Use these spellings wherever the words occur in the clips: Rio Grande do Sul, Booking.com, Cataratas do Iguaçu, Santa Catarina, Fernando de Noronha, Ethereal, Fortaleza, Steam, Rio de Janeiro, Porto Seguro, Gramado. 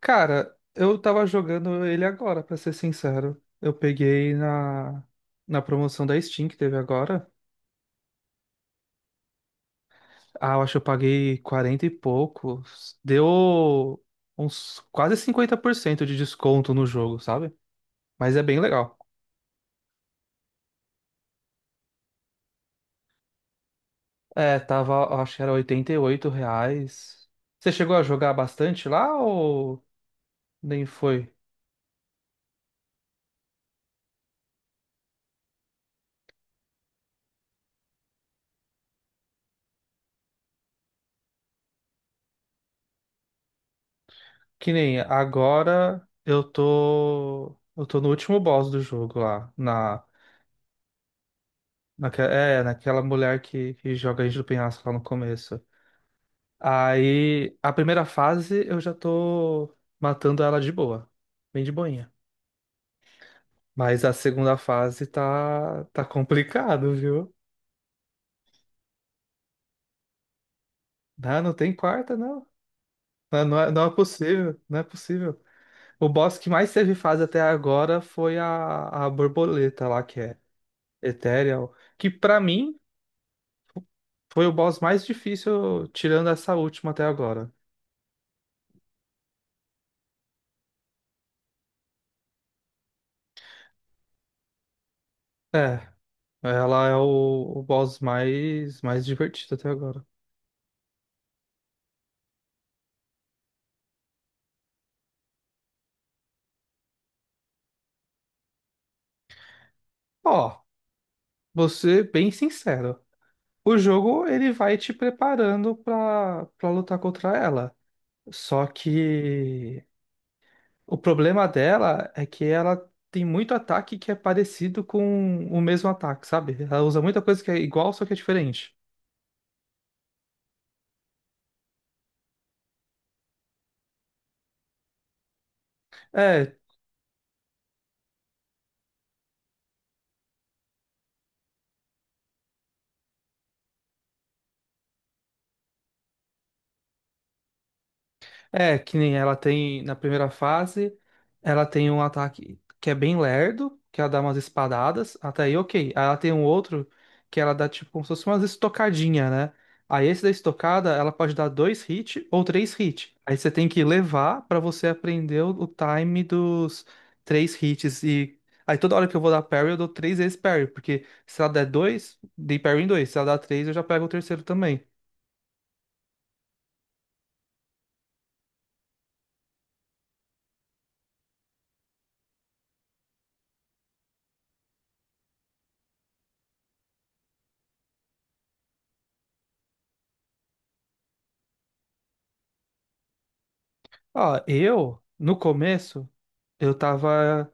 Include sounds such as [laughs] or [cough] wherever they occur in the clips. Cara, eu tava jogando ele agora, pra ser sincero. Eu peguei na promoção da Steam que teve agora. Ah, eu acho que eu paguei 40 e poucos. Deu uns quase 50% de desconto no jogo, sabe? Mas é bem legal. É, tava, eu acho que era R$ 88. Você chegou a jogar bastante lá ou nem foi? Que nem agora eu tô. Eu tô no último boss do jogo lá, naquela mulher que joga a gente do penhasco lá no começo. Aí, a primeira fase eu já tô matando ela de boa. Bem de boinha. Mas a segunda fase tá complicado, viu? Não, não tem quarta, não. Não, não é, não é possível, não é possível. O boss que mais teve fase até agora foi a borboleta lá, que é Ethereal. Que pra mim foi o boss mais difícil, tirando essa última até agora. É, ela é o boss mais divertido até agora. Ó, vou ser bem sincero. O jogo, ele vai te preparando pra lutar contra ela. Só que o problema dela é que ela tem muito ataque que é parecido com o mesmo ataque, sabe? Ela usa muita coisa que é igual, só que é diferente. É, É, que nem ela tem na primeira fase, ela tem um ataque que é bem lerdo, que ela dá umas espadadas, até aí ok. Aí ela tem um outro que ela dá tipo como se fosse umas estocadinha, né? Aí esse da estocada, ela pode dar dois hits ou três hits. Aí você tem que levar pra você aprender o time dos três hits e aí toda hora que eu vou dar parry, eu dou três vezes parry, porque se ela der dois, dei parry em dois, se ela dar três, eu já pego o terceiro também. Ó, eu no começo eu tava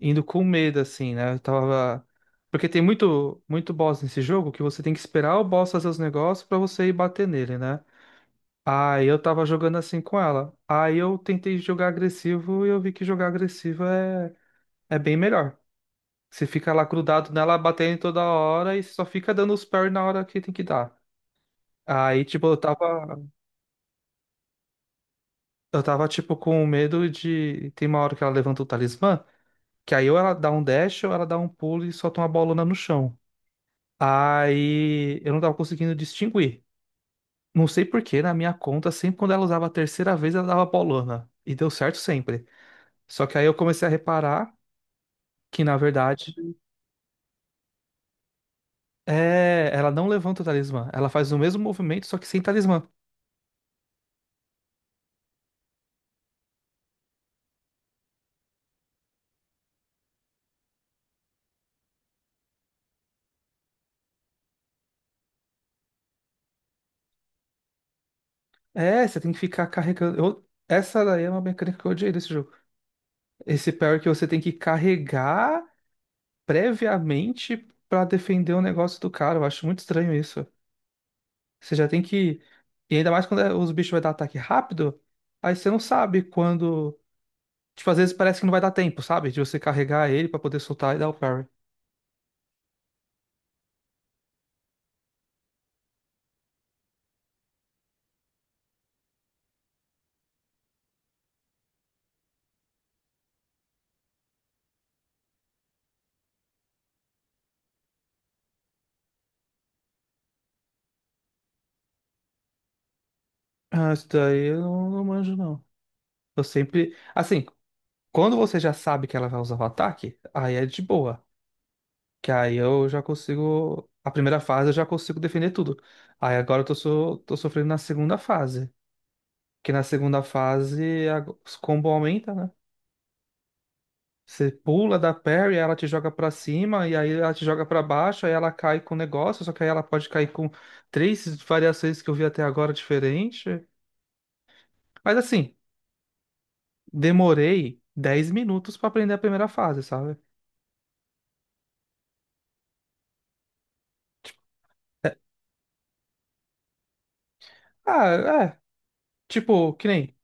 indo com medo, assim, né? Eu tava. Porque tem muito, muito boss nesse jogo que você tem que esperar o boss fazer os negócios pra você ir bater nele, né? Aí eu tava jogando assim com ela. Aí eu tentei jogar agressivo e eu vi que jogar agressivo é bem melhor. Você fica lá grudado nela, batendo toda hora e só fica dando os parry na hora que tem que dar. Aí, tipo, eu tava, tipo, com medo de. Tem uma hora que ela levanta o talismã, que aí ou ela dá um dash ou ela dá um pulo e solta uma bolona no chão. Aí eu não tava conseguindo distinguir. Não sei por que, na minha conta, sempre quando ela usava a terceira vez, ela dava paulana. E deu certo sempre. Só que aí eu comecei a reparar que, na verdade, ela não levanta o talismã. Ela faz o mesmo movimento, só que sem talismã. É, você tem que ficar carregando. Essa daí é uma mecânica que eu odiei desse jogo. Esse parry que você tem que carregar previamente pra defender o negócio do cara. Eu acho muito estranho isso. Você já tem que. E ainda mais quando os bichos vai dar ataque rápido, aí você não sabe quando. Tipo, às vezes parece que não vai dar tempo, sabe? De você carregar ele pra poder soltar e dar o parry. Ah, isso daí eu não manjo, não. Eu sempre. Assim, quando você já sabe que ela vai usar o ataque, aí é de boa. Que aí eu já consigo. A primeira fase eu já consigo defender tudo. Aí agora tô sofrendo na segunda fase. Que na segunda fase os combos aumentam, né? Você pula da parry, ela te joga pra cima, e aí ela te joga pra baixo, aí ela cai com o negócio, só que aí ela pode cair com três variações que eu vi até agora diferente. Mas assim, demorei 10 minutos pra aprender a primeira fase, sabe? Ah, é, tipo, que nem.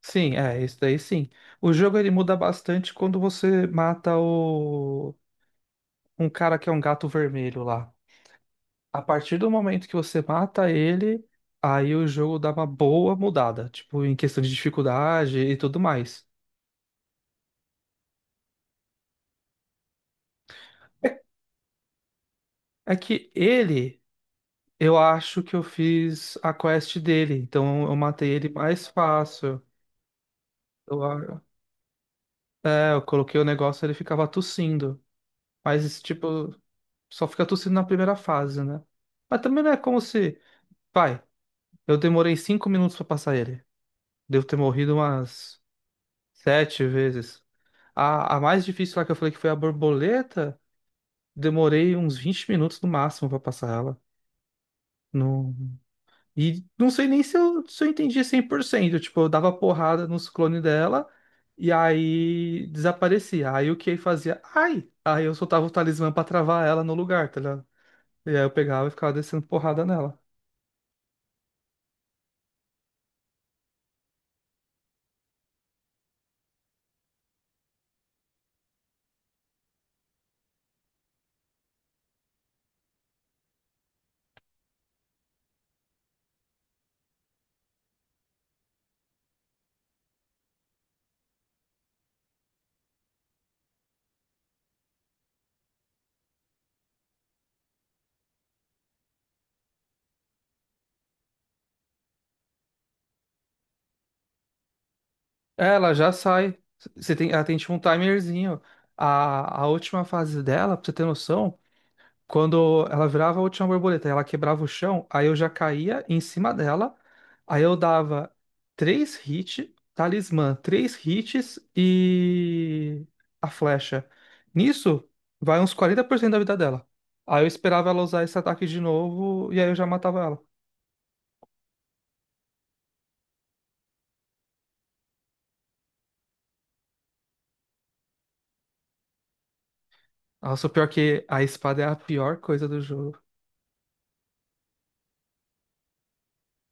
Sim, é, isso daí sim. O jogo ele muda bastante quando você mata o um cara que é um gato vermelho lá. A partir do momento que você mata ele, aí o jogo dá uma boa mudada, tipo, em questão de dificuldade e tudo mais. É é que ele, eu acho que eu fiz a quest dele, então eu matei ele mais fácil. Eu, a- eu coloquei o negócio, ele ficava tossindo. Mas esse tipo, só fica tossindo na primeira fase, né? Mas também não é como se. Vai, eu demorei 5 minutos pra passar ele. Devo ter morrido umas sete vezes. A mais difícil lá que eu falei que foi a borboleta, demorei uns 20 minutos no máximo pra passar ela. Não... E não sei nem se eu entendi 100%. Tipo, eu dava porrada nos clones dela e aí desaparecia. Aí o que fazia? Ai! Aí eu soltava o talismã pra travar ela no lugar, tá ligado? E aí eu pegava e ficava descendo porrada nela. É, ela já sai. Você tem, ela tem tipo um timerzinho. A última fase dela, pra você ter noção. Quando ela virava a última borboleta e ela quebrava o chão, aí eu já caía em cima dela. Aí eu dava três hits, talismã, três hits e a flecha. Nisso, vai uns 40% da vida dela. Aí eu esperava ela usar esse ataque de novo e aí eu já matava ela. Nossa, o pior é que a espada é a pior coisa do jogo.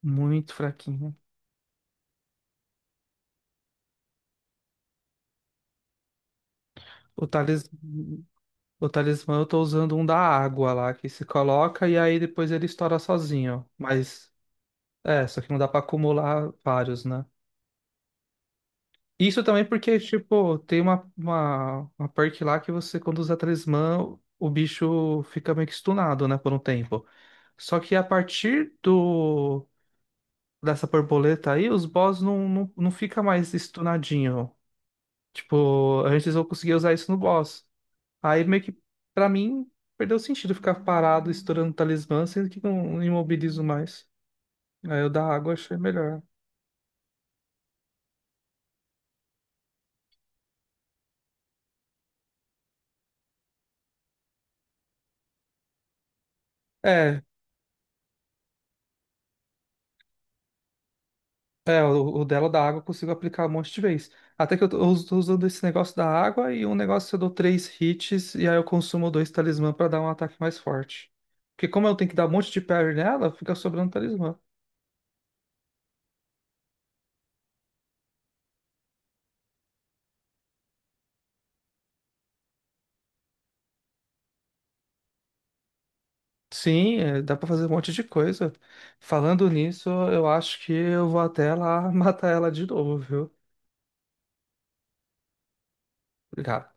Muito fraquinha. O talis... o talismã eu tô usando um da água lá, que se coloca e aí depois ele estoura sozinho. Mas é, só que não dá pra acumular vários, né? Isso também porque, tipo, tem uma perk lá que você, quando usa talismã, o bicho fica meio que stunado, né, por um tempo. Só que a partir do dessa borboleta aí, os boss não, não, não fica mais stunadinho. Tipo, antes eu conseguia usar isso no boss. Aí meio que, pra mim, perdeu o sentido ficar parado estourando talismã, sendo que não imobilizo mais. Aí eu da água achei melhor. É, É, o dela da água eu consigo aplicar um monte de vez. Até que eu tô usando esse negócio da água e um negócio eu dou três hits e aí eu consumo dois talismã pra dar um ataque mais forte. Porque como eu tenho que dar um monte de parry nela, fica sobrando talismã. Sim, é, dá pra fazer um monte de coisa. Falando nisso, eu acho que eu vou até lá [laughs] matar ela de novo, viu? Obrigado.